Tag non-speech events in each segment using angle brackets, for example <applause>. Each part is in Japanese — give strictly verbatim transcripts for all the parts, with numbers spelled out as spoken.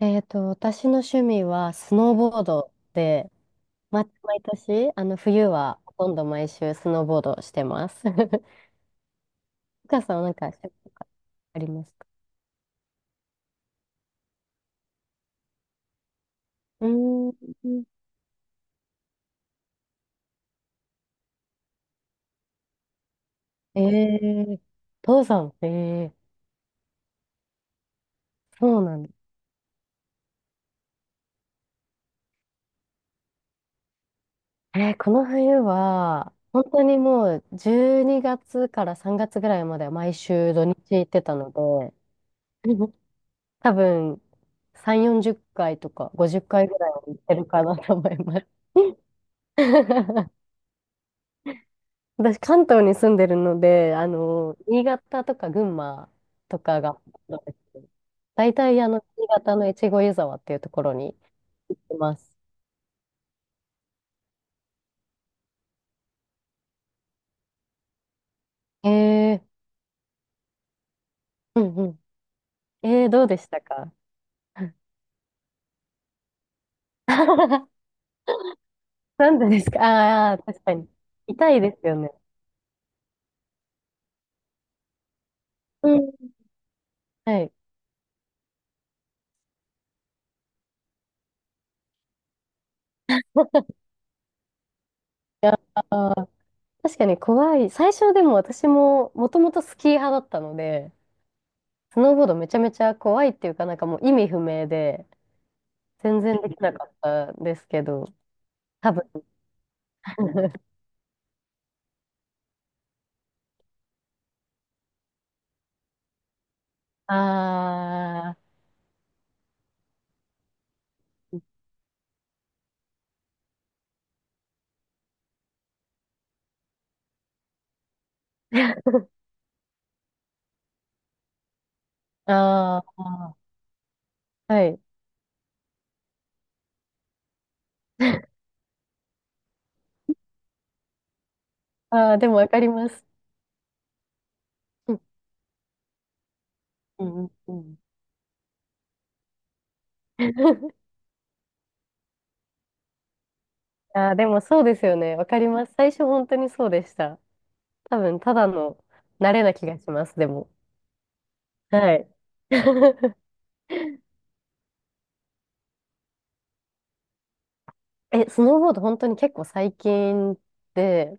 えっと、私の趣味はスノーボードで、ま、毎年、あの、冬はほとんど毎週スノーボードしてます。<laughs> お母さんはなんか趣味とかありますか？うーん。ええ。登山、ええ。そうなんだ。えーこの冬は、本当にもうじゅうにがつからさんがつぐらいまでは毎週土日行ってたので、<laughs> 多分さん、よんじゅっかいとかごじゅっかいぐらいは行ってるかなと思います。<laughs> 私、関東に住んでるので、あの、新潟とか群馬とかが、大体、あの、新潟の越後湯沢っていうところにいます。えー、うんうん。えー、どうでしたか？ <laughs> なんでですか？ああー、確かに。痛いですよね。うん。はい。ああ、確かに怖い。最初でも私も、もともとスキー派だったので、スノーボードめちゃめちゃ怖いっていうか、なんかもう意味不明で、全然できなかったんですけど、多分。ああ、ああ、はい。<laughs> ああ、でもわかります。うんうんうん。<laughs> ああ、でもそうですよね。わかります。最初本当にそうでした。多分、ただの慣れな気がします、でも。はい。<laughs> え、スノーボード本当に結構最近で、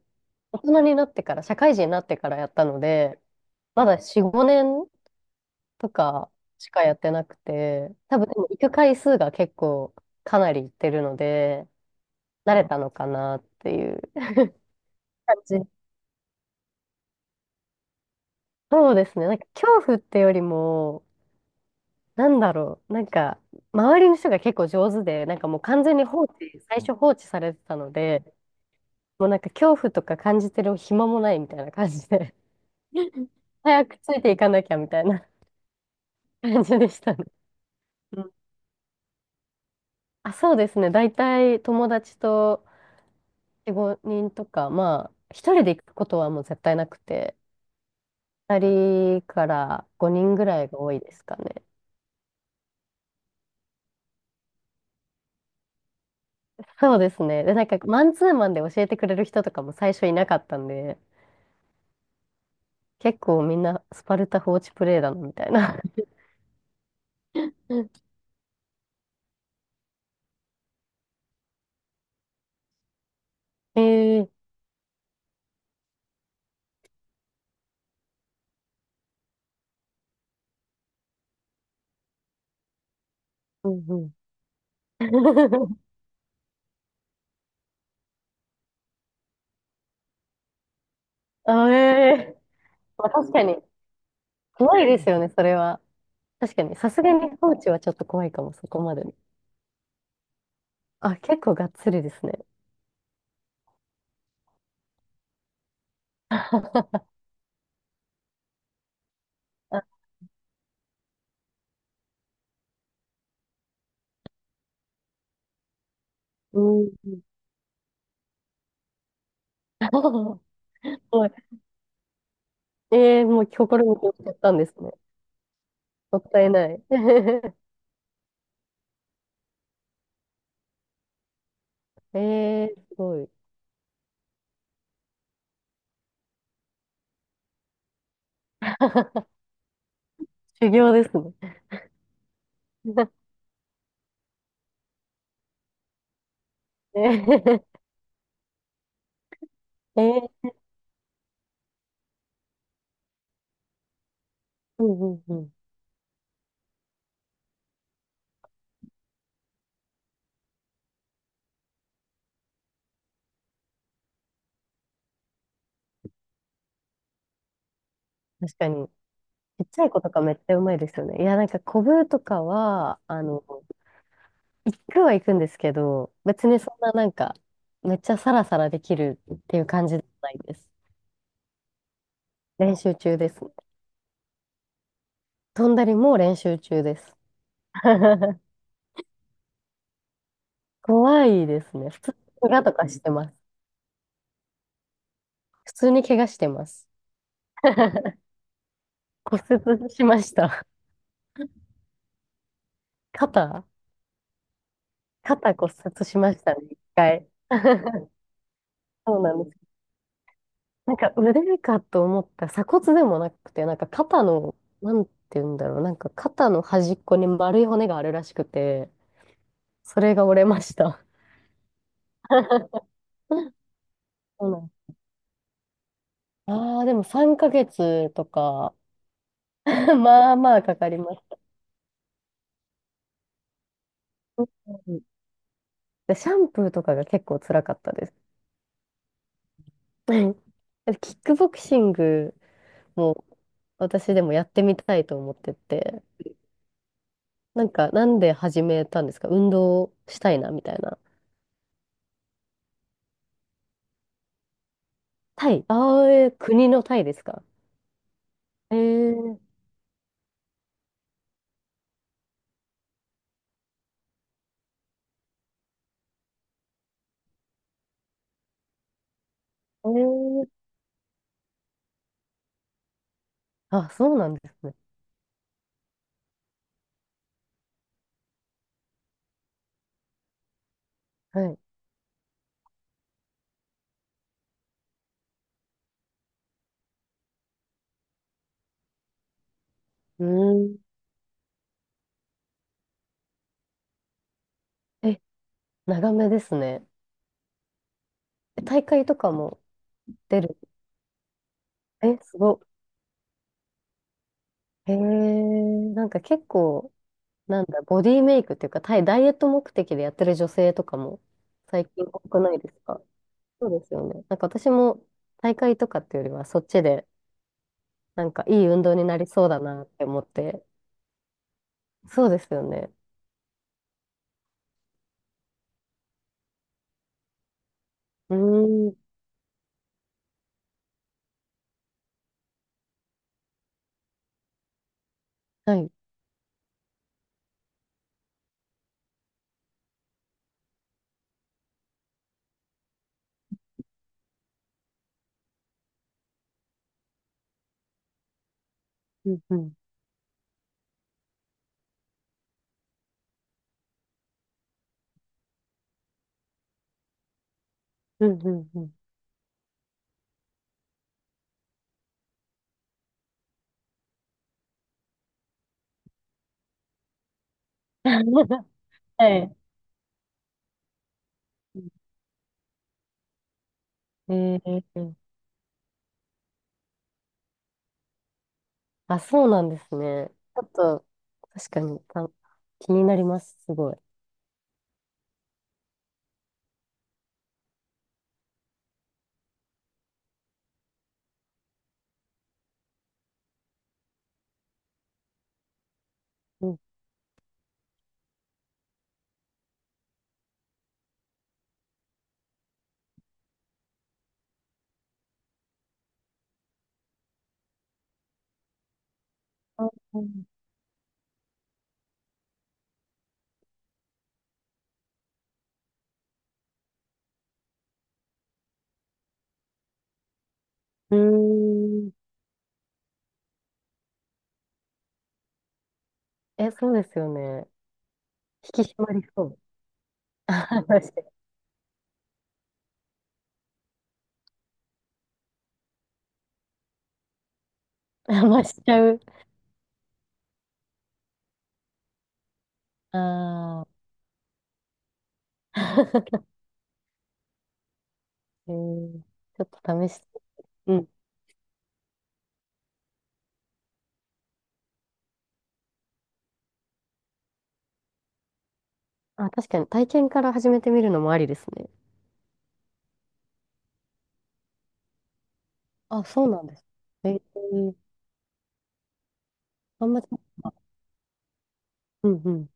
大人になってから、社会人になってからやったので、まだよん、ごねんとかしかやってなくて、多分でも行く回数が結構かなり行ってるので、なれたのかなっていう。感じ。そうですね。なんか恐怖ってよりも、なんだろう。なんか、周りの人が結構上手で、なんかもう完全に放置、最初放置されてたので、もうなんか恐怖とか感じてる暇もないみたいな感じで、<laughs> 早くついていかなきゃみたいな <laughs> 感じでしたね。うん。あ、そうですね。大体友達とよん、ごにんとか、まあ、一人で行くことはもう絶対なくて、ふたりからごにんぐらいが多いですかね。そうですね。で、なんか、マンツーマンで教えてくれる人とかも最初いなかったんで、結構みんなスパルタ放置プレイだな、みたいな。<laughs> ええ。うんうん。<laughs> あ、ええ。まあ、確かに、怖いですよね、それは。確かに、さすがに放置はちょっと怖いかも、そこまで。あ、結構がっつりですね。あ、うん。<laughs> すごい。ええ、もう心に決めちゃったんですね。もったいない。<laughs> ええ、すごい。<laughs> 修行ですね。<laughs> ええ。ええ。うんうんうん。確かに。ちっちゃい子とかめっちゃうまいですよね。いや、なんか、コブとかは、あの、行くは行くんですけど、別にそんななんか、めっちゃサラサラできるっていう感じじゃないです。練習中です。飛んだりも練習中です。<laughs> 怖いですね。普通に怪我とかしてます。普通に怪我してます。<laughs> 骨折しました。肩。肩骨折しましたね、一回。<laughs> そうなんです。なんか腕かと思ったら鎖骨でもなくて、なんか肩の、なんて言うんだろう、なんか肩の端っこに丸い骨があるらしくて、それが折れました。<laughs> そうなんです。ああ、でもさんかげつとか、<laughs> まあまあかかります。うん。で、シャンプーとかが結構辛かったです。うん。キックボクシングも私でもやってみたいと思ってて、なんかなんで始めたんですか？運動したいなみたいな。タイ、ああ、えー国のタイですか？えー、えー、あ、そうなんですね。はい。うん。え、長めですね。え、大会とかも？出る。え、すご。えー、なんか結構、なんだ、ボディメイクっていうか、タイ、ダイエット目的でやってる女性とかも最近多くないですか？そうですよね。なんか私も大会とかっていうよりは、そっちで、なんかいい運動になりそうだなって思って。そうですよね。うーん。はい。うんうん。うんうんうん。<laughs> はい。えー、あ、そうなんですね。ちょっと、確かにた気になります、すごい。うん、あ、うん。うーん。え、そうですよね。引き締まりそう。<laughs> あ、確かに。<laughs> あ、増しちゃう。ああ。<laughs> えー、ちょっと試して。うん。あ、確かに体験から始めてみるのもありですね。あ、そうなんです。えー、あんまり、うんうん。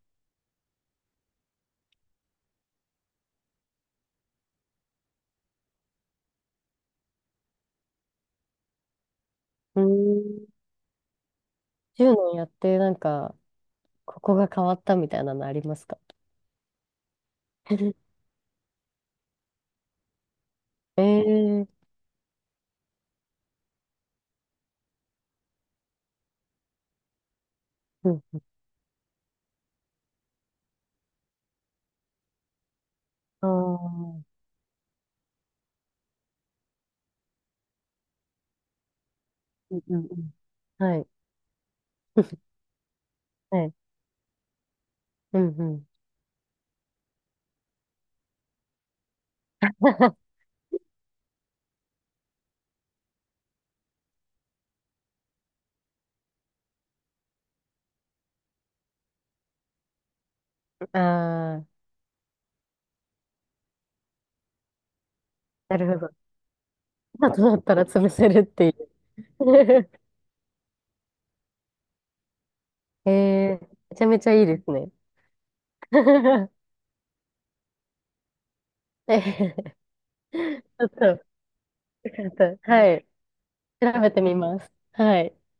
うーん。じゅうねんやって、なんか、ここが変わったみたいなのありますか？ <laughs> ええー。うん。ああ、うんうんうん。はい。<laughs> はい。うんうん。<laughs> ああ、なるほど。今となったら潰せるっていう。<laughs> ええー、めちゃめちゃいいですね。<laughs> ええ、ちょっと、よかった。はい。調べてみます。はい。